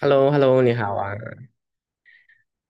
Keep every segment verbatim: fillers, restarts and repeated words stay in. h e l l o h e l l o 你好啊。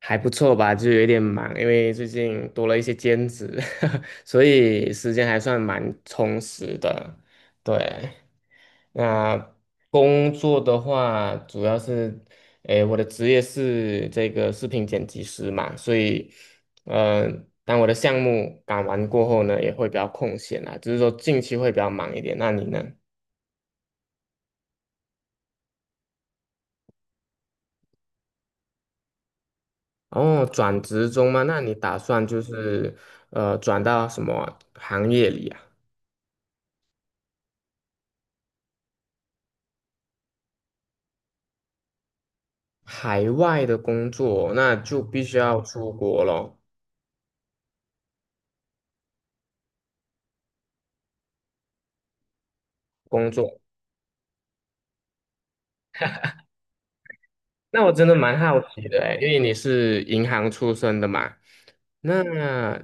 还不错吧？就有点忙，因为最近多了一些兼职，所以时间还算蛮充实的。对。那工作的话，主要是，诶，我的职业是这个视频剪辑师嘛，所以，呃，当我的项目赶完过后呢，也会比较空闲啊，只是说近期会比较忙一点。那你呢？哦，转职中吗？那你打算就是呃转到什么行业里啊？海外的工作，那就必须要出国咯。工作。那我真的蛮好奇的诶，因为你是银行出身的嘛，那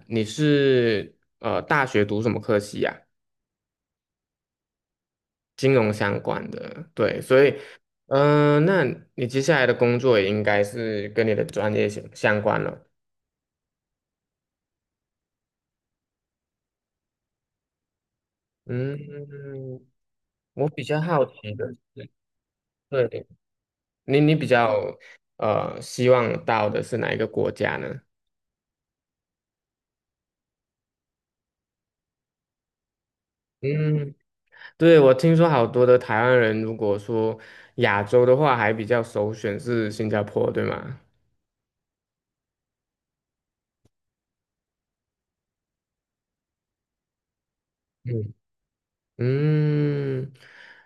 你是呃大学读什么科系呀？金融相关的，对，所以嗯、呃那你接下来的工作也应该是跟你的专业相相关了。嗯，我比较好奇的。对。你你比较呃希望到的是哪一个国家呢？嗯，对，我听说好多的台湾人，如果说亚洲的话，还比较首选是新加坡，对吗？嗯。嗯，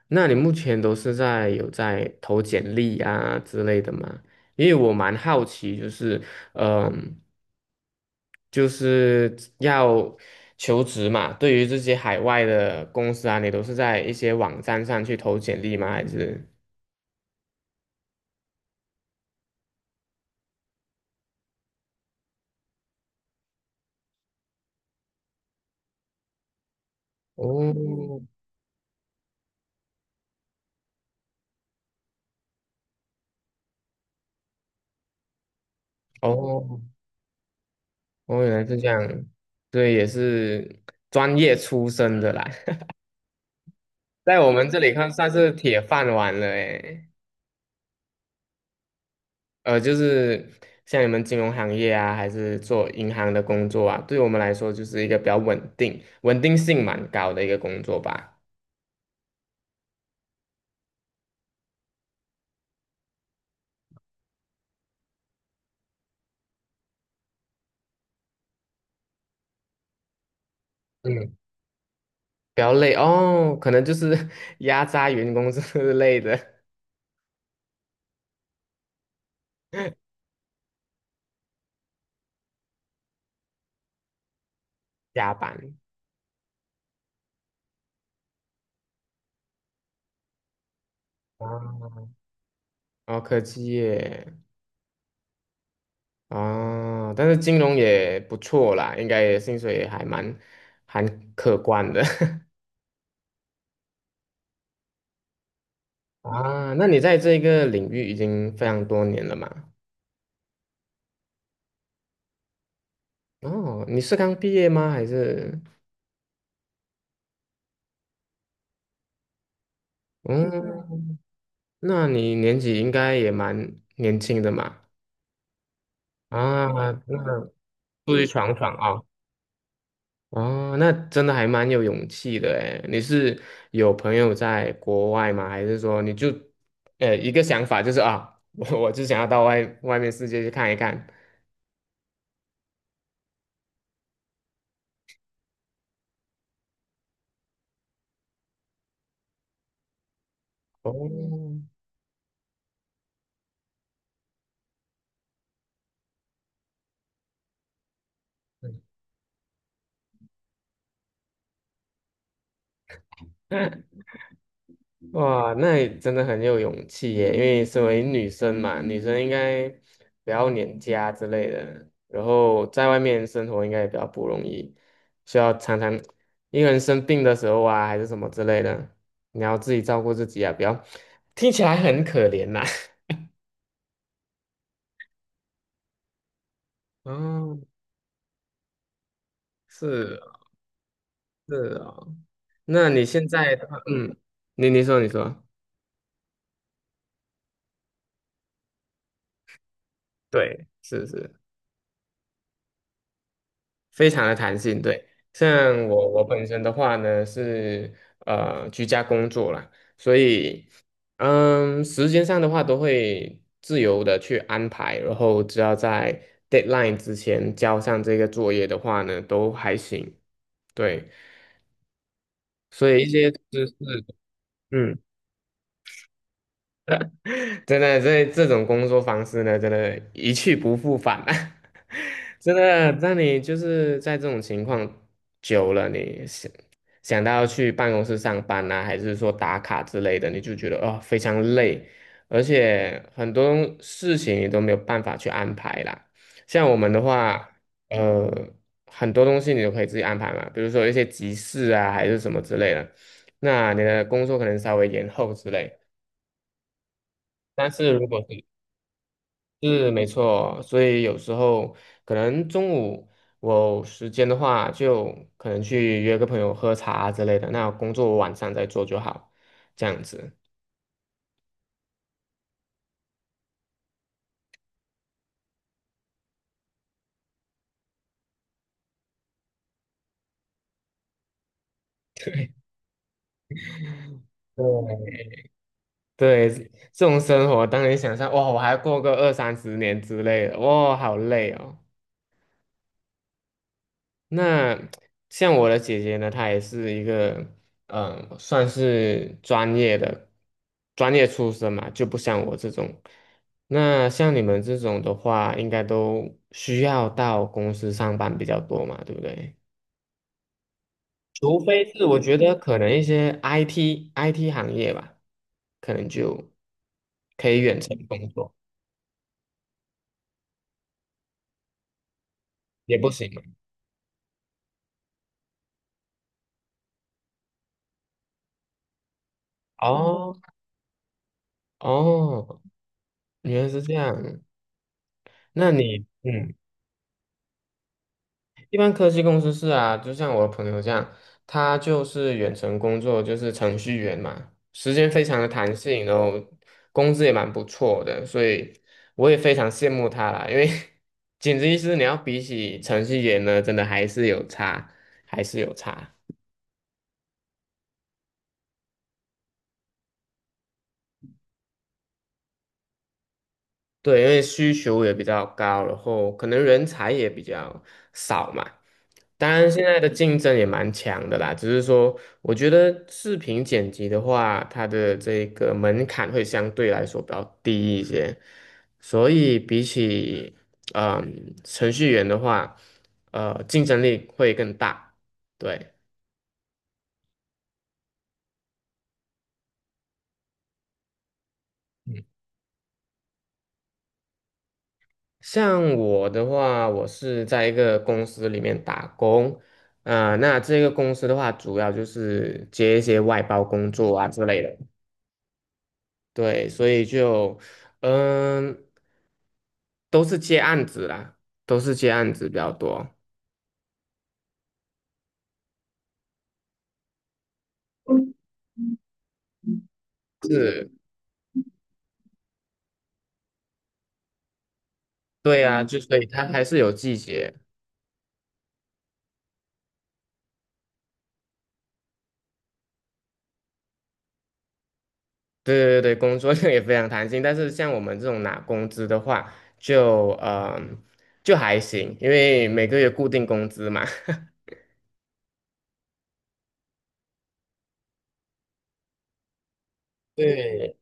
那你目前都是在有在投简历啊之类的吗？因为我蛮好奇，就是嗯，就是要求职嘛，对于这些海外的公司啊，你都是在一些网站上去投简历吗？还是？哦哦哦，原来是这样。对，也是专业出身的啦。在我们这里看算是铁饭碗了诶。呃，就是像你们金融行业啊，还是做银行的工作啊，对我们来说就是一个比较稳定、稳定性蛮高的一个工作吧。嗯，比较累哦，可能就是 压榨员工之类的 加班。啊，哦，科技业。哦，但是金融也不错啦，应该也薪水也还蛮还可观的。 啊。那你在这个领域已经非常多年了嘛？哦，你是刚毕业吗？还是？嗯，那你年纪应该也蛮年轻的嘛？啊，那出去闯闯啊！哦，那真的还蛮有勇气的诶。你是有朋友在国外吗？还是说你就，呃，一个想法就是啊，我我就想要到外外面世界去看一看。哦，哇，那你真的很有勇气耶！因为身为女生嘛，女生应该不要黏家之类的，然后在外面生活应该也比较不容易，需要常常一个人生病的时候啊，还是什么之类的，你要自己照顾自己啊，不要听起来很可怜呐。哦，是哦，是哦，那你现在的话，嗯，你你说你说，对，是是。非常的弹性，对。像我我本身的话呢，是呃居家工作啦，所以嗯，时间上的话都会自由的去安排，然后只要在 deadline 之前交上这个作业的话呢，都还行。对。所以一些知识，嗯。真的，这这种工作方式呢，真的，一去不复返啊！真的，那你就是在这种情况久了，你想想到去办公室上班啊，还是说打卡之类的，你就觉得哦非常累，而且很多事情你都没有办法去安排啦。像我们的话，呃，很多东西你都可以自己安排嘛，比如说一些急事啊，还是什么之类的，那你的工作可能稍微延后之类。但是如果是是没错，所以有时候可能中午我有时间的话，就可能去约个朋友喝茶之类的。那工作我晚上再做就好，这样子。对，对，这种生活当你想象，哇，我还过个二三十年之类的，哇，好累哦。那像我的姐姐呢，她也是一个，嗯、算是专业的，专业出身嘛，就不像我这种。那像你们这种的话，应该都需要到公司上班比较多嘛，对不对？除非是我觉得可能一些 IT I T 行业吧，可能就可以远程工作，也不行嘛。哦哦，原来是这样。那你嗯。一般科技公司是啊，就像我的朋友这样，他就是远程工作，就是程序员嘛，时间非常的弹性，然后工资也蛮不错的，所以我也非常羡慕他啦。因为 简直意思，你要比起程序员呢，真的还是有差，还是有差。对，因为需求也比较高，然后可能人才也比较少嘛。当然，现在的竞争也蛮强的啦，只是说，我觉得视频剪辑的话，它的这个门槛会相对来说比较低一些，所以比起嗯、程序员的话，呃，竞争力会更大。对。像我的话，我是在一个公司里面打工，啊、那这个公司的话，主要就是接一些外包工作啊之类的，对，所以就，嗯，都是接案子啦，都是接案子比较多，是，对啊，就所以它还是有季节，对对对，工作 量也非常弹性，但是像我们这种拿工资的话，就，嗯，就还行，因为每个月固定工资嘛，对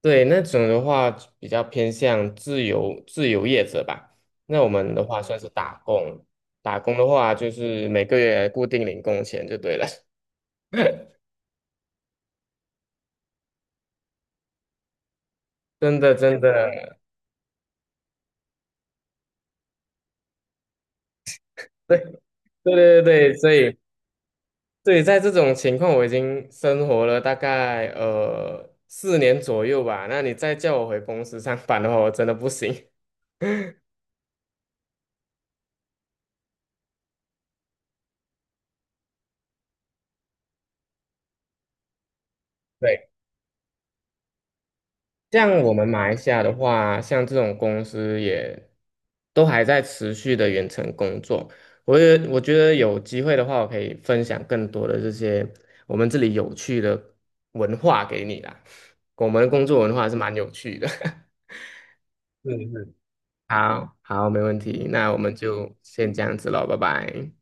对，那种的话比较偏向自由自由业者吧。那我们的话算是打工，打工的话就是每个月固定领工钱就对了。真的真的，对对对对对，所以对，在这种情况我已经生活了大概呃四年左右吧。那你再叫我回公司上班的话，我真的不行。对。像我们马来西亚的话，像这种公司也都还在持续的远程工作。我也我觉得有机会的话，我可以分享更多的这些我们这里有趣的文化给你啦。我们的工作文化是蛮有趣的。好，好，没问题。那我们就先这样子喽，拜拜。